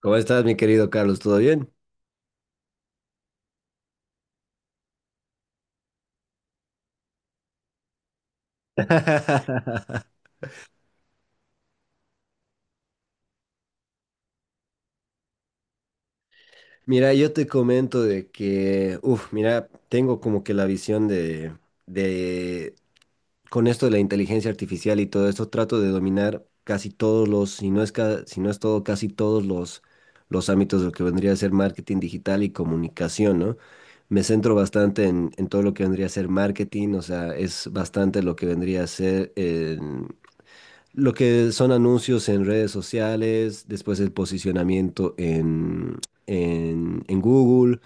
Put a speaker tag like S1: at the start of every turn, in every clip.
S1: ¿Cómo estás, mi querido Carlos? ¿Todo bien? Mira, yo te comento de que, mira, tengo como que la visión de, con esto de la inteligencia artificial y todo esto, trato de dominar casi todos los, si no es, si no es todo, casi todos los ámbitos de lo que vendría a ser marketing digital y comunicación, ¿no? Me centro bastante en todo lo que vendría a ser marketing, o sea, es bastante lo que vendría a ser lo que son anuncios en redes sociales, después el posicionamiento en Google,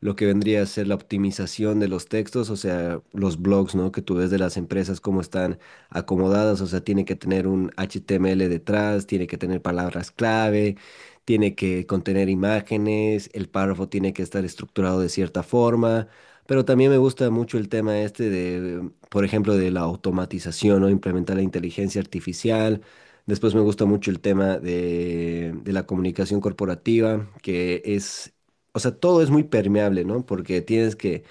S1: lo que vendría a ser la optimización de los textos, o sea, los blogs, ¿no? Que tú ves de las empresas, cómo están acomodadas, o sea, tiene que tener un HTML detrás, tiene que tener palabras clave, tiene que contener imágenes, el párrafo tiene que estar estructurado de cierta forma. Pero también me gusta mucho el tema este de, por ejemplo, de la automatización, ¿no? Implementar la inteligencia artificial. Después me gusta mucho el tema de la comunicación corporativa, que es, o sea, todo es muy permeable, ¿no? Porque tienes que,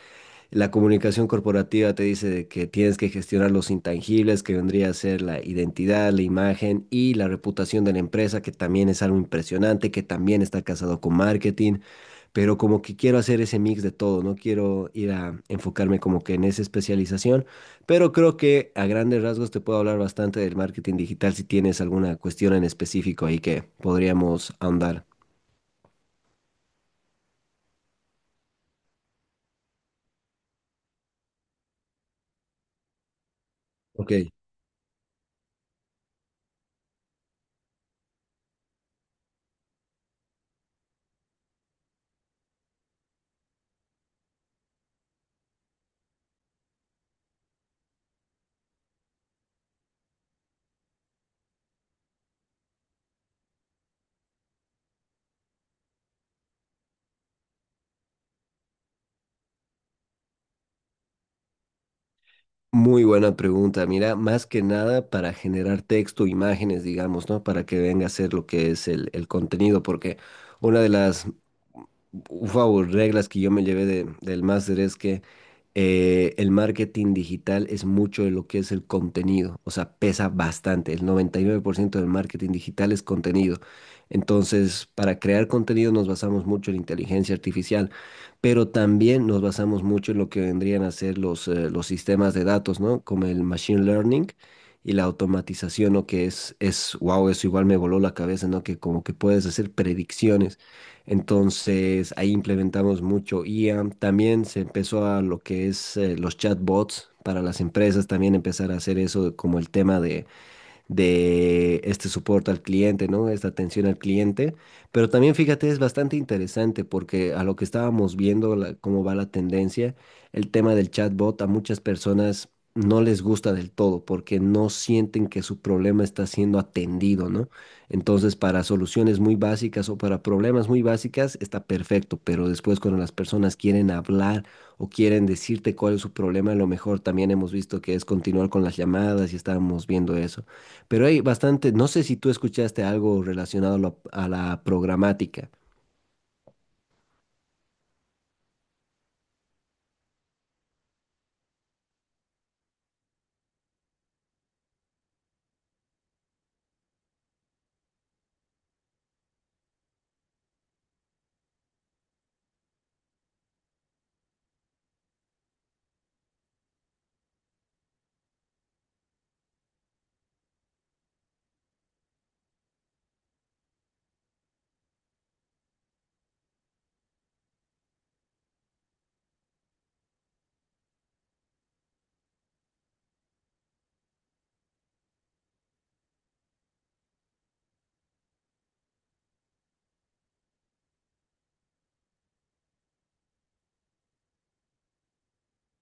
S1: la comunicación corporativa te dice de que tienes que gestionar los intangibles, que vendría a ser la identidad, la imagen y la reputación de la empresa, que también es algo impresionante, que también está casado con marketing, pero como que quiero hacer ese mix de todo, no quiero ir a enfocarme como que en esa especialización, pero creo que a grandes rasgos te puedo hablar bastante del marketing digital si tienes alguna cuestión en específico ahí que podríamos ahondar. Ok. Muy buena pregunta. Mira, más que nada para generar texto, imágenes, digamos, ¿no? Para que venga a ser lo que es el contenido, porque una de las, wow, reglas que yo me llevé del máster es que el marketing digital es mucho de lo que es el contenido, o sea, pesa bastante. El 99% del marketing digital es contenido. Entonces, para crear contenido nos basamos mucho en inteligencia artificial, pero también nos basamos mucho en lo que vendrían a ser los sistemas de datos, ¿no? Como el machine learning y la automatización, ¿no? Que es, wow, eso igual me voló la cabeza, ¿no? Que como que puedes hacer predicciones. Entonces, ahí implementamos mucho IA. También se empezó a lo que es los chatbots para las empresas, también empezar a hacer eso como el tema de este soporte al cliente, ¿no? Esta atención al cliente. Pero también fíjate, es bastante interesante porque a lo que estábamos viendo, cómo va la tendencia, el tema del chatbot a muchas personas no les gusta del todo porque no sienten que su problema está siendo atendido, ¿no? Entonces, para soluciones muy básicas o para problemas muy básicas está perfecto, pero después cuando las personas quieren hablar o quieren decirte cuál es su problema, a lo mejor también hemos visto que es continuar con las llamadas y estábamos viendo eso. Pero hay bastante, no sé si tú escuchaste algo relacionado a a la programática.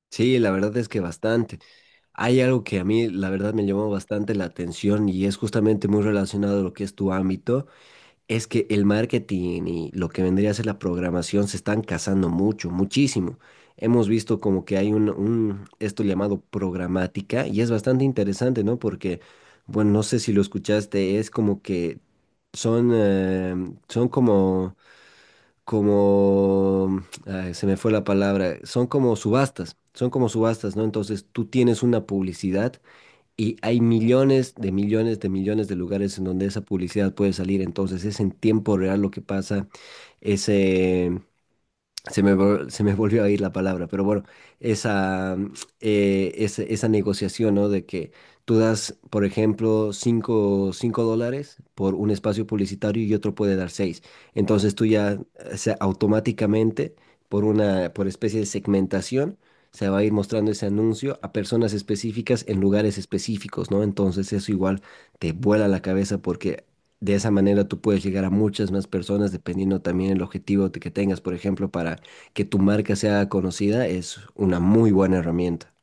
S1: Sí, la verdad es que bastante. Hay algo que a mí, la verdad, me llamó bastante la atención y es justamente muy relacionado a lo que es tu ámbito, es que el marketing y lo que vendría a ser la programación se están casando mucho, muchísimo. Hemos visto como que hay un esto llamado programática y es bastante interesante, ¿no? Porque, bueno, no sé si lo escuchaste, es como que son, son como como, ay, se me fue la palabra, son como subastas, ¿no? Entonces tú tienes una publicidad y hay millones de millones de millones de lugares en donde esa publicidad puede salir, entonces es en tiempo real lo que pasa, se me volvió a ir la palabra, pero bueno, esa, mm, esa negociación, ¿no? De que tú das, por ejemplo, $5 por un espacio publicitario y otro puede dar 6. Entonces tú ya, o sea, automáticamente, por especie de segmentación, se va a ir mostrando ese anuncio a personas específicas en lugares específicos, ¿no? Entonces eso igual te vuela la cabeza porque de esa manera tú puedes llegar a muchas más personas dependiendo también el objetivo que tengas. Por ejemplo, para que tu marca sea conocida es una muy buena herramienta.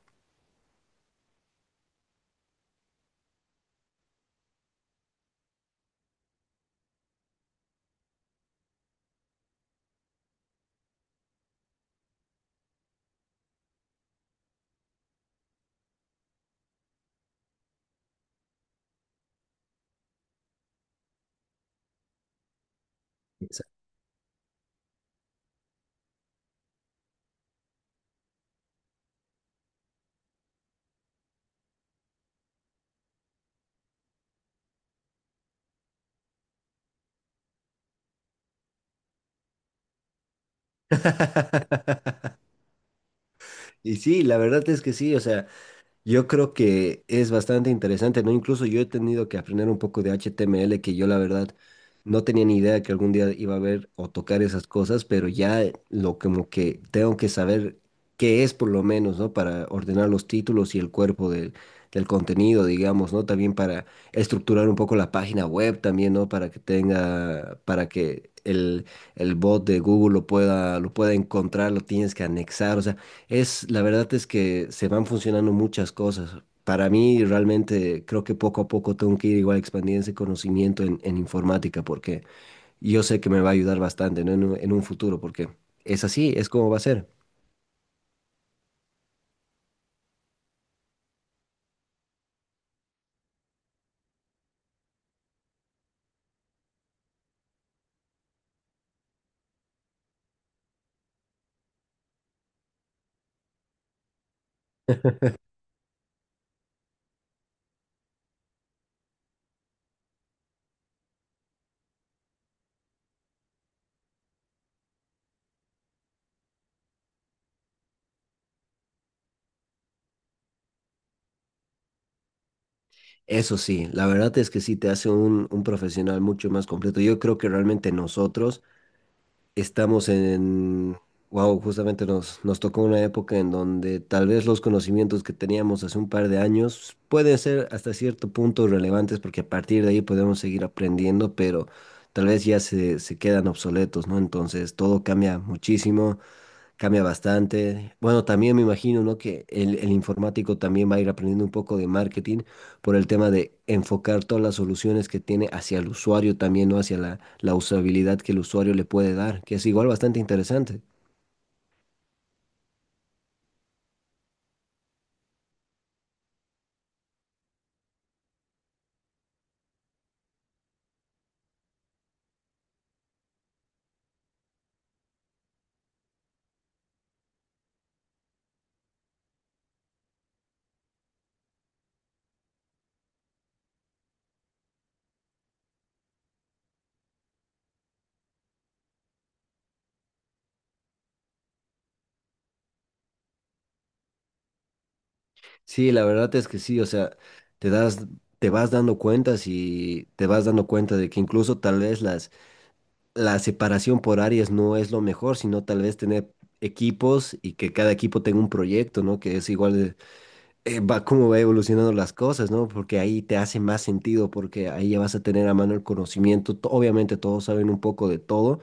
S1: Exacto. Y sí, la verdad es que sí, o sea, yo creo que es bastante interesante, ¿no? Incluso yo he tenido que aprender un poco de HTML, que yo la verdad no tenía ni idea que algún día iba a ver o tocar esas cosas, pero ya lo como que tengo que saber qué es por lo menos, ¿no? Para ordenar los títulos y el cuerpo del contenido, digamos, ¿no? También para estructurar un poco la página web también, ¿no? Para que tenga, para que el bot de Google lo pueda encontrar, lo tienes que anexar, o sea. Es, la verdad es que se van funcionando muchas cosas. Para mí, realmente creo que poco a poco tengo que ir igual expandiendo ese conocimiento en informática, porque yo sé que me va a ayudar bastante, ¿no? En un futuro, porque es así, es como va a ser. Eso sí, la verdad es que sí te hace un profesional mucho más completo. Yo creo que realmente nosotros estamos en, wow, justamente nos tocó una época en donde tal vez los conocimientos que teníamos hace un par de años pueden ser hasta cierto punto relevantes porque a partir de ahí podemos seguir aprendiendo, pero tal vez ya se quedan obsoletos, ¿no? Entonces todo cambia muchísimo. Cambia bastante. Bueno, también me imagino, ¿no? Que el informático también va a ir aprendiendo un poco de marketing por el tema de enfocar todas las soluciones que tiene hacia el usuario también, ¿no? Hacia la usabilidad que el usuario le puede dar, que es igual bastante interesante. Sí, la verdad es que sí, o sea, te das, te vas dando cuentas y te vas dando cuenta de que incluso tal vez la separación por áreas no es lo mejor, sino tal vez tener equipos y que cada equipo tenga un proyecto, ¿no? Que es igual va cómo va evolucionando las cosas, ¿no? Porque ahí te hace más sentido, porque ahí ya vas a tener a mano el conocimiento. Obviamente todos saben un poco de todo,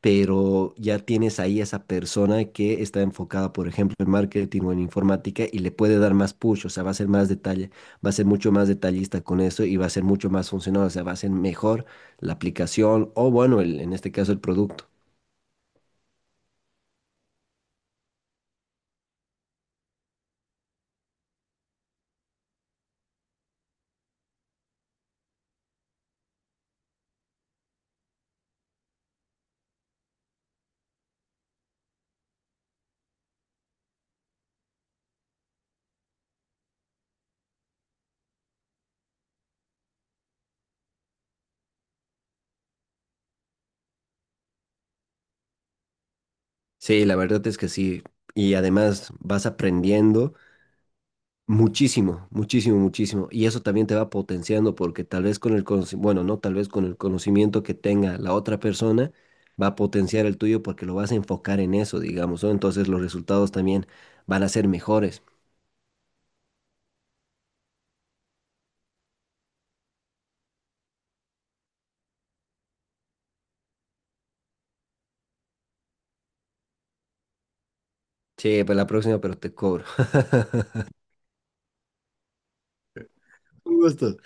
S1: pero ya tienes ahí esa persona que está enfocada, por ejemplo, en marketing o en informática y le puede dar más push, o sea, va a ser más detalle, va a ser mucho más detallista con eso y va a ser mucho más funcional, o sea, va a ser mejor la aplicación o, bueno, en este caso, el producto. Sí, la verdad es que sí. Y además vas aprendiendo. Muchísimo, muchísimo, muchísimo. Y eso también te va potenciando porque tal vez con el conoci- bueno, no, tal vez con el conocimiento que tenga la otra persona va a potenciar el tuyo porque lo vas a enfocar en eso, digamos, ¿no? Entonces los resultados también van a ser mejores. Sí, para la próxima, pero te cobro. Un gusto.